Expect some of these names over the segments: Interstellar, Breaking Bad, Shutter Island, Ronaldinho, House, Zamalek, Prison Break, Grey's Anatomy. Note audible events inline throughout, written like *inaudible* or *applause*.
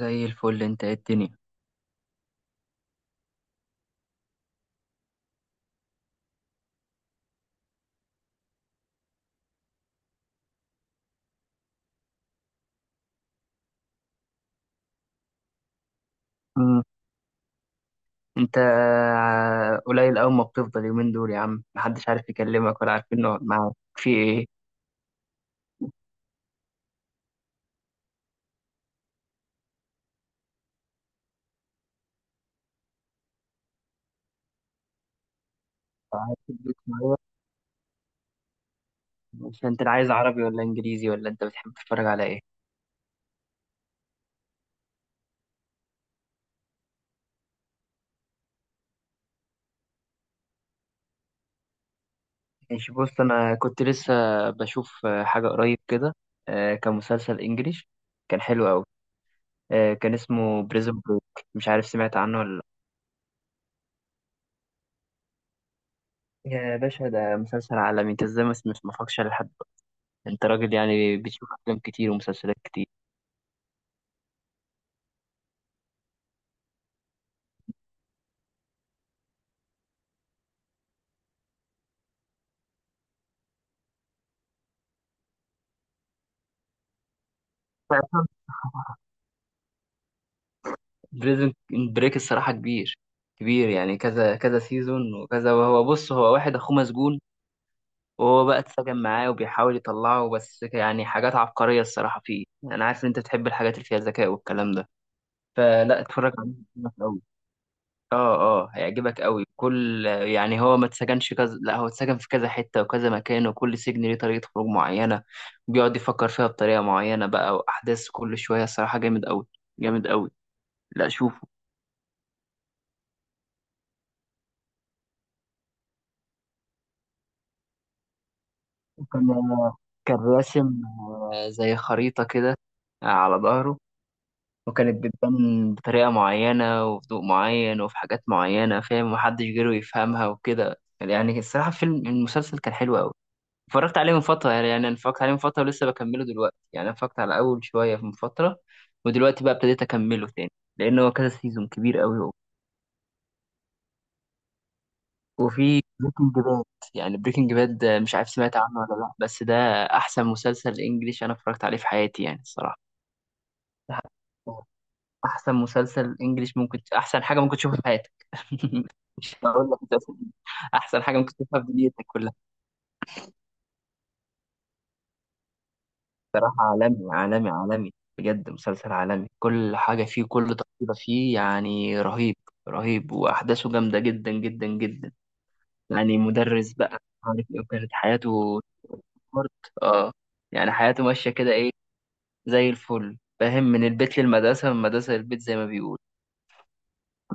زي الفل، انت ايه الدنيا؟ مم. انت قليل أوي، ما بتفضل يومين دول يا عم محدش عارف يكلمك ولا عارفين نقعد معاك في ايه؟ قاعد في البيت شوية. بس انت اللي عايز عربي ولا انجليزي، ولا انت بتحب تتفرج على ايه؟ ماشي، بص انا كنت لسه بشوف حاجة قريب كده. كان مسلسل انجليش، كان حلو أوي. كان اسمه بريزون بريك، مش عارف سمعت عنه ولا لا. يا باشا ده مسلسل عالمي، انت ازاي ما اتفرجتش عليه لحد دلوقتي؟ انت راجل يعني بتشوف افلام كتير ومسلسلات كتير. *laughs* بريزن بريك الصراحة كبير كبير، يعني كذا كذا سيزون وكذا، وهو بص هو واحد أخوه مسجون، وهو بقى اتسجن معاه وبيحاول يطلعه، بس يعني حاجات عبقرية الصراحة فيه. أنا عارف إن أنت بتحب الحاجات اللي فيها ذكاء والكلام ده، فلا اتفرج عليه، هيعجبك أوي. اه، اه، هيعجبك أوي. كل يعني هو ما اتسجنش كذا، لا هو اتسجن في كذا حتة وكذا مكان، وكل سجن ليه طريقة خروج معينة، بيقعد يفكر فيها بطريقة معينة بقى، وأحداث كل شوية الصراحة جامد أوي جامد أوي. لا شوف، وكان راسم زي خريطة كده، على ظهره، وكانت بتبان بطريقة معينة وفي ضوء معين وفي حاجات معينة، فاهم، محدش غيره يفهمها وكده. يعني الصراحة فيلم المسلسل كان حلو أوي. اتفرجت عليه من فترة، يعني أنا اتفرجت عليه من فترة ولسه بكمله دلوقتي، يعني أنا اتفرجت على أول شوية من فترة، ودلوقتي بقى ابتديت أكمله تاني، لأن هو كذا سيزون كبير أوي. وفي بريكنج باد، يعني بريكنج باد ده مش عارف سمعت عنه ولا لا، بس ده احسن مسلسل انجليش انا اتفرجت عليه في حياتي يعني الصراحه. ده احسن مسلسل انجليش، ممكن احسن حاجه ممكن تشوفها في حياتك. *laughs* مش هقول لك مسلسل إنجليش، احسن حاجه ممكن تشوفها في دنيتك كلها. صراحه عالمي عالمي عالمي، بجد مسلسل عالمي، كل حاجه فيه، كل تفصيله فيه، يعني رهيب رهيب، واحداثه جامده جدا جدا جدا. يعني مدرس بقى مش عارف ايه، وكانت حياته برد، اه، يعني حياته ماشية كده ايه، زي الفل فاهم، من البيت للمدرسة، من المدرسة للبيت زي ما بيقول.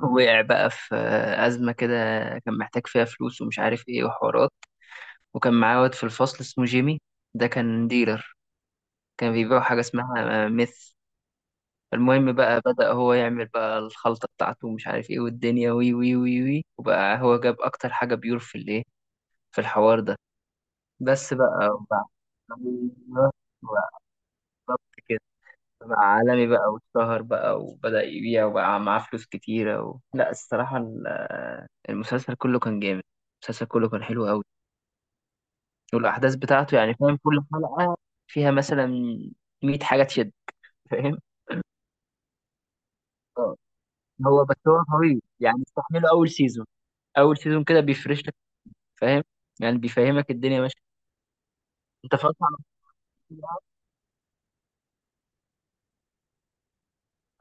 وقع بقى في أزمة كده، كان محتاج فيها فلوس ومش عارف ايه وحوارات، وكان معاه واد في الفصل اسمه جيمي، ده كان ديلر، كان بيبيع حاجة اسمها ميث. المهم بقى بدأ هو يعمل بقى الخلطة بتاعته ومش عارف ايه، والدنيا وي وي وي وي، وبقى هو جاب أكتر حاجة بيور في الايه، في الحوار ده. بس بقى وبعد، بالظبط كده، بقى عالمي بقى، واتشهر بقى، وبدأ يبيع، وبقى معاه فلوس كتيرة لا الصراحة المسلسل كله كان جامد، المسلسل كله كان حلو قوي، والأحداث بتاعته يعني فاهم، كل حلقة فيها مثلا 100 حاجة تشد، فاهم. آه. هو بس طويل، يعني استحمله أول سيزون. أول سيزون كده بيفرش لك، فاهم، يعني بيفهمك الدنيا ماشية. أنت فاهم على طول؟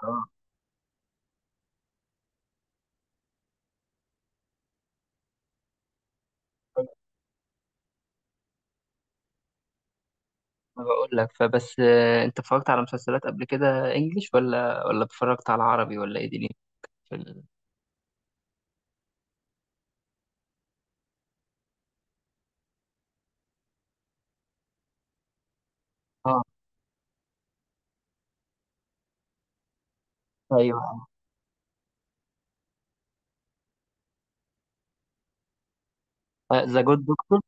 آه. ما بقول لك، فبس انت اتفرجت على مسلسلات قبل كده انجليش ولا اتفرجت على عربي، ولا ايه دي في اه، ايوه، ذا جود دكتور.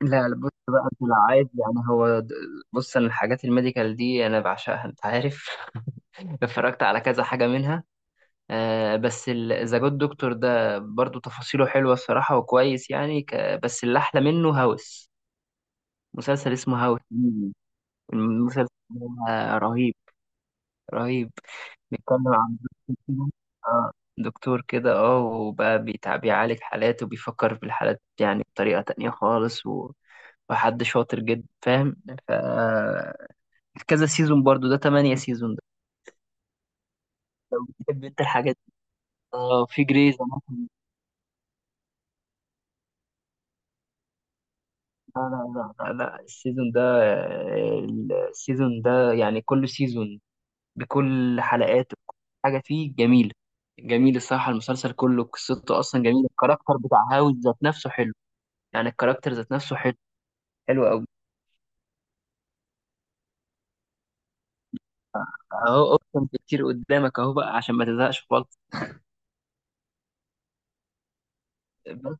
لا لا، بص بقى انت لو عايز يعني بص انا الحاجات الميديكال دي انا بعشقها، انت عارف. *laughs* اتفرجت على كذا حاجه منها. آه بس ذا جود دكتور ده برضو تفاصيله حلوه الصراحه وكويس يعني بس اللي احلى منه هاوس، مسلسل اسمه هاوس. مم. المسلسل ده رهيب رهيب. بيتكلم عن دكتور كده آه دكتور كده. اه وبقى بيعالج حالات، وبيفكر في الحالات يعني بطريقة تانية خالص، وحد شاطر جدا، فاهم. ف كذا سيزون برضو ده، تمانية سيزون ده. بتحب انت الحاجات دي؟ اه، في جريز أناتومي. لا لا لا لا لا، السيزون ده يعني كل سيزون بكل حلقاته، بكل حاجة فيه جميلة، جميل الصراحة المسلسل كله، قصته أصلا جميلة. الكاركتر بتاع هاوز ذات نفسه حلو، يعني الكاركتر ذات نفسه حلو، حلو قوي. اهو اوبشن كتير قدامك اهو، بقى عشان ما تزهقش خالص. بس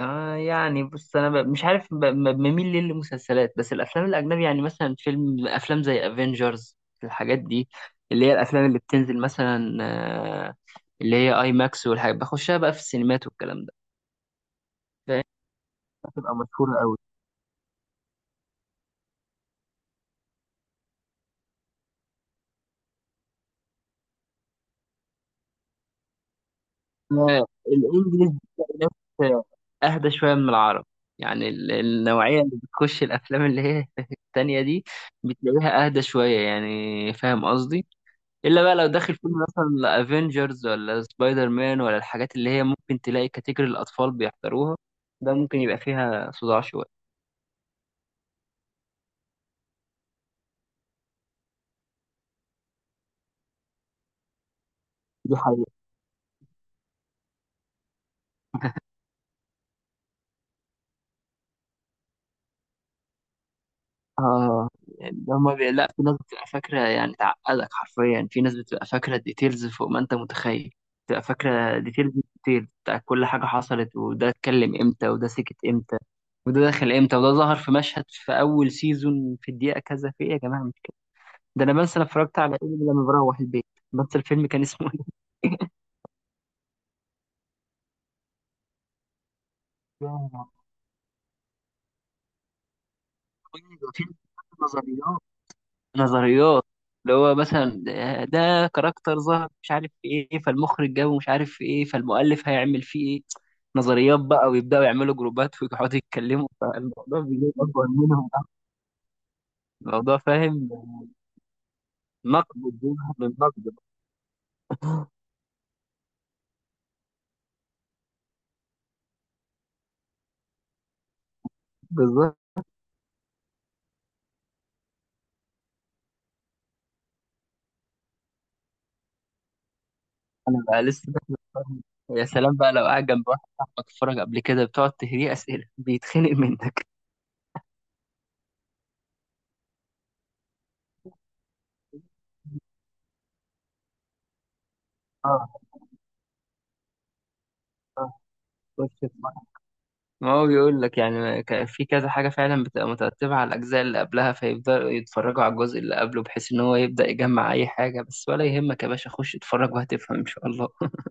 يعني بص انا مش عارف، بميل ليه للمسلسلات، بس الافلام الاجنبي يعني مثلا فيلم، افلام زي افنجرز، الحاجات دي، اللي هي الافلام اللي بتنزل مثلا، اللي هي اي ماكس، والحاجات بخشها بقى في السينمات والكلام ده. فاهم؟ بتبقى مشهوره قوي. الانجليش بتلاقي ناس اهدى شويه من العرب، يعني النوعيه اللي بتخش الافلام اللي هي *laughs* التانية دي، بتلاقيها اهدى شويه، يعني فاهم قصدي. الا بقى لو داخل فيلم مثلا افنجرز ولا سبايدر مان ولا الحاجات اللي هي، ممكن تلاقي كاتيجوري الاطفال بيحضروها، ده ممكن يبقى فيها صداع شويه. دي حقيقة. اه، يعني هما لا في ناس بتبقى فاكرة، يعني تعقدك حرفيا، في ناس بتبقى فاكرة ديتيلز فوق ما انت متخيل، بتبقى فاكرة ديتيلز ديتيلز بتاع كل حاجة حصلت، وده اتكلم امتى، وده سكت امتى، وده دخل امتى، وده ظهر في مشهد في اول سيزون في الدقيقة كذا، في ايه يا جماعة مش كده؟ ده انا بنسى انا اتفرجت على ايه لما بروح البيت، بنسى الفيلم كان اسمه ايه. *laughs* يا لهوي، ده فيلم نظريات، نظريات. اللي هو مثلا ده كاركتر ظهر مش عارف في ايه، فالمخرج جابه مش عارف في ايه، فالمؤلف هيعمل فيه ايه. نظريات بقى، ويبداوا يعملوا جروبات ويقعدوا يتكلموا، فالموضوع بيجيب اكبر منهم. الموضوع، فاهم، نقد، بيذهب للنقد. بالظبط، انا بقى لسه داخل الفرن. يا سلام بقى لو قاعد جنب واحد صاحبك اتفرج قبل كده، بتقعد تهريه اسئله بيتخنق منك. اه، آه، خش. ما هو بيقول لك يعني، في كذا حاجة فعلا بتبقى مترتبة على الأجزاء اللي قبلها، فيبدأوا يتفرجوا على الجزء اللي قبله، بحيث إن هو يبدأ يجمع أي حاجة. بس ولا يهمك يا باشا، خش اتفرج وهتفهم إن شاء الله. *laughs*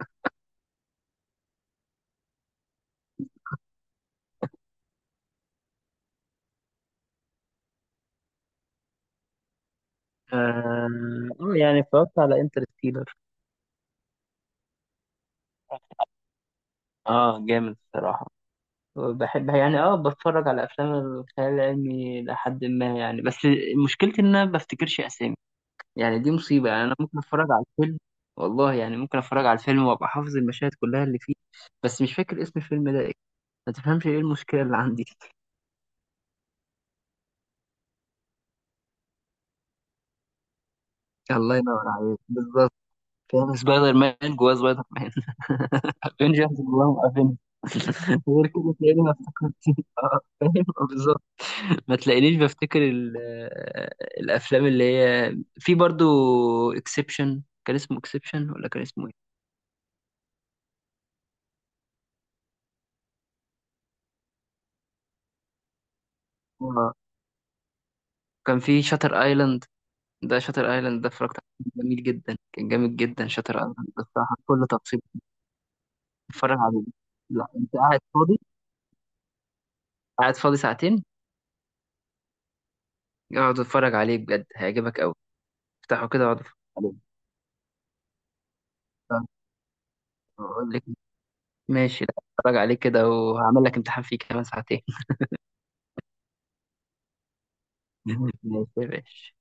آه يعني اتفرجت على انترستيلر، اه جامد الصراحة. بحب يعني، بتفرج على أفلام الخيال العلمي لحد ما، يعني بس مشكلتي إن أنا ما بفتكرش أسامي، يعني دي مصيبة. يعني أنا ممكن أتفرج على الفيلم، والله يعني ممكن أتفرج على الفيلم وأبقى حافظ المشاهد كلها اللي فيه، بس مش فاكر اسم الفيلم ده، ما تفهمش ايه المشكله اللي عندي. *laughs* الله ينور عليك بالظبط. كان سبايدر مان جواه سبايدر مان. *laughs* افنجرز اللهم افنجرز. *laughs* غير كده تلاقيني ما افتكرتش. *laughs* فاهم، بالظبط، ما تلاقينيش بفتكر الافلام اللي هي في برضو، اكسبشن، كان اسمه اكسبشن ولا كان اسمه ايه. آه. كان في شاتر ايلاند، ده شاتر ايلاند ده اتفرجت عليه كان جميل جدا، كان جامد جدا، شاتر ايلاند بصراحه كل تفصيل. اتفرج عليه، لا انت قاعد فاضي، قاعد فاضي ساعتين، اقعد اتفرج عليه بجد هيعجبك قوي. افتحه كده واقعد اتفرج عليه، اقول لك. ماشي، لا اتفرج عليه كده وهعمل لك امتحان فيه كمان ساعتين. *laughs* ماشي يا باشا.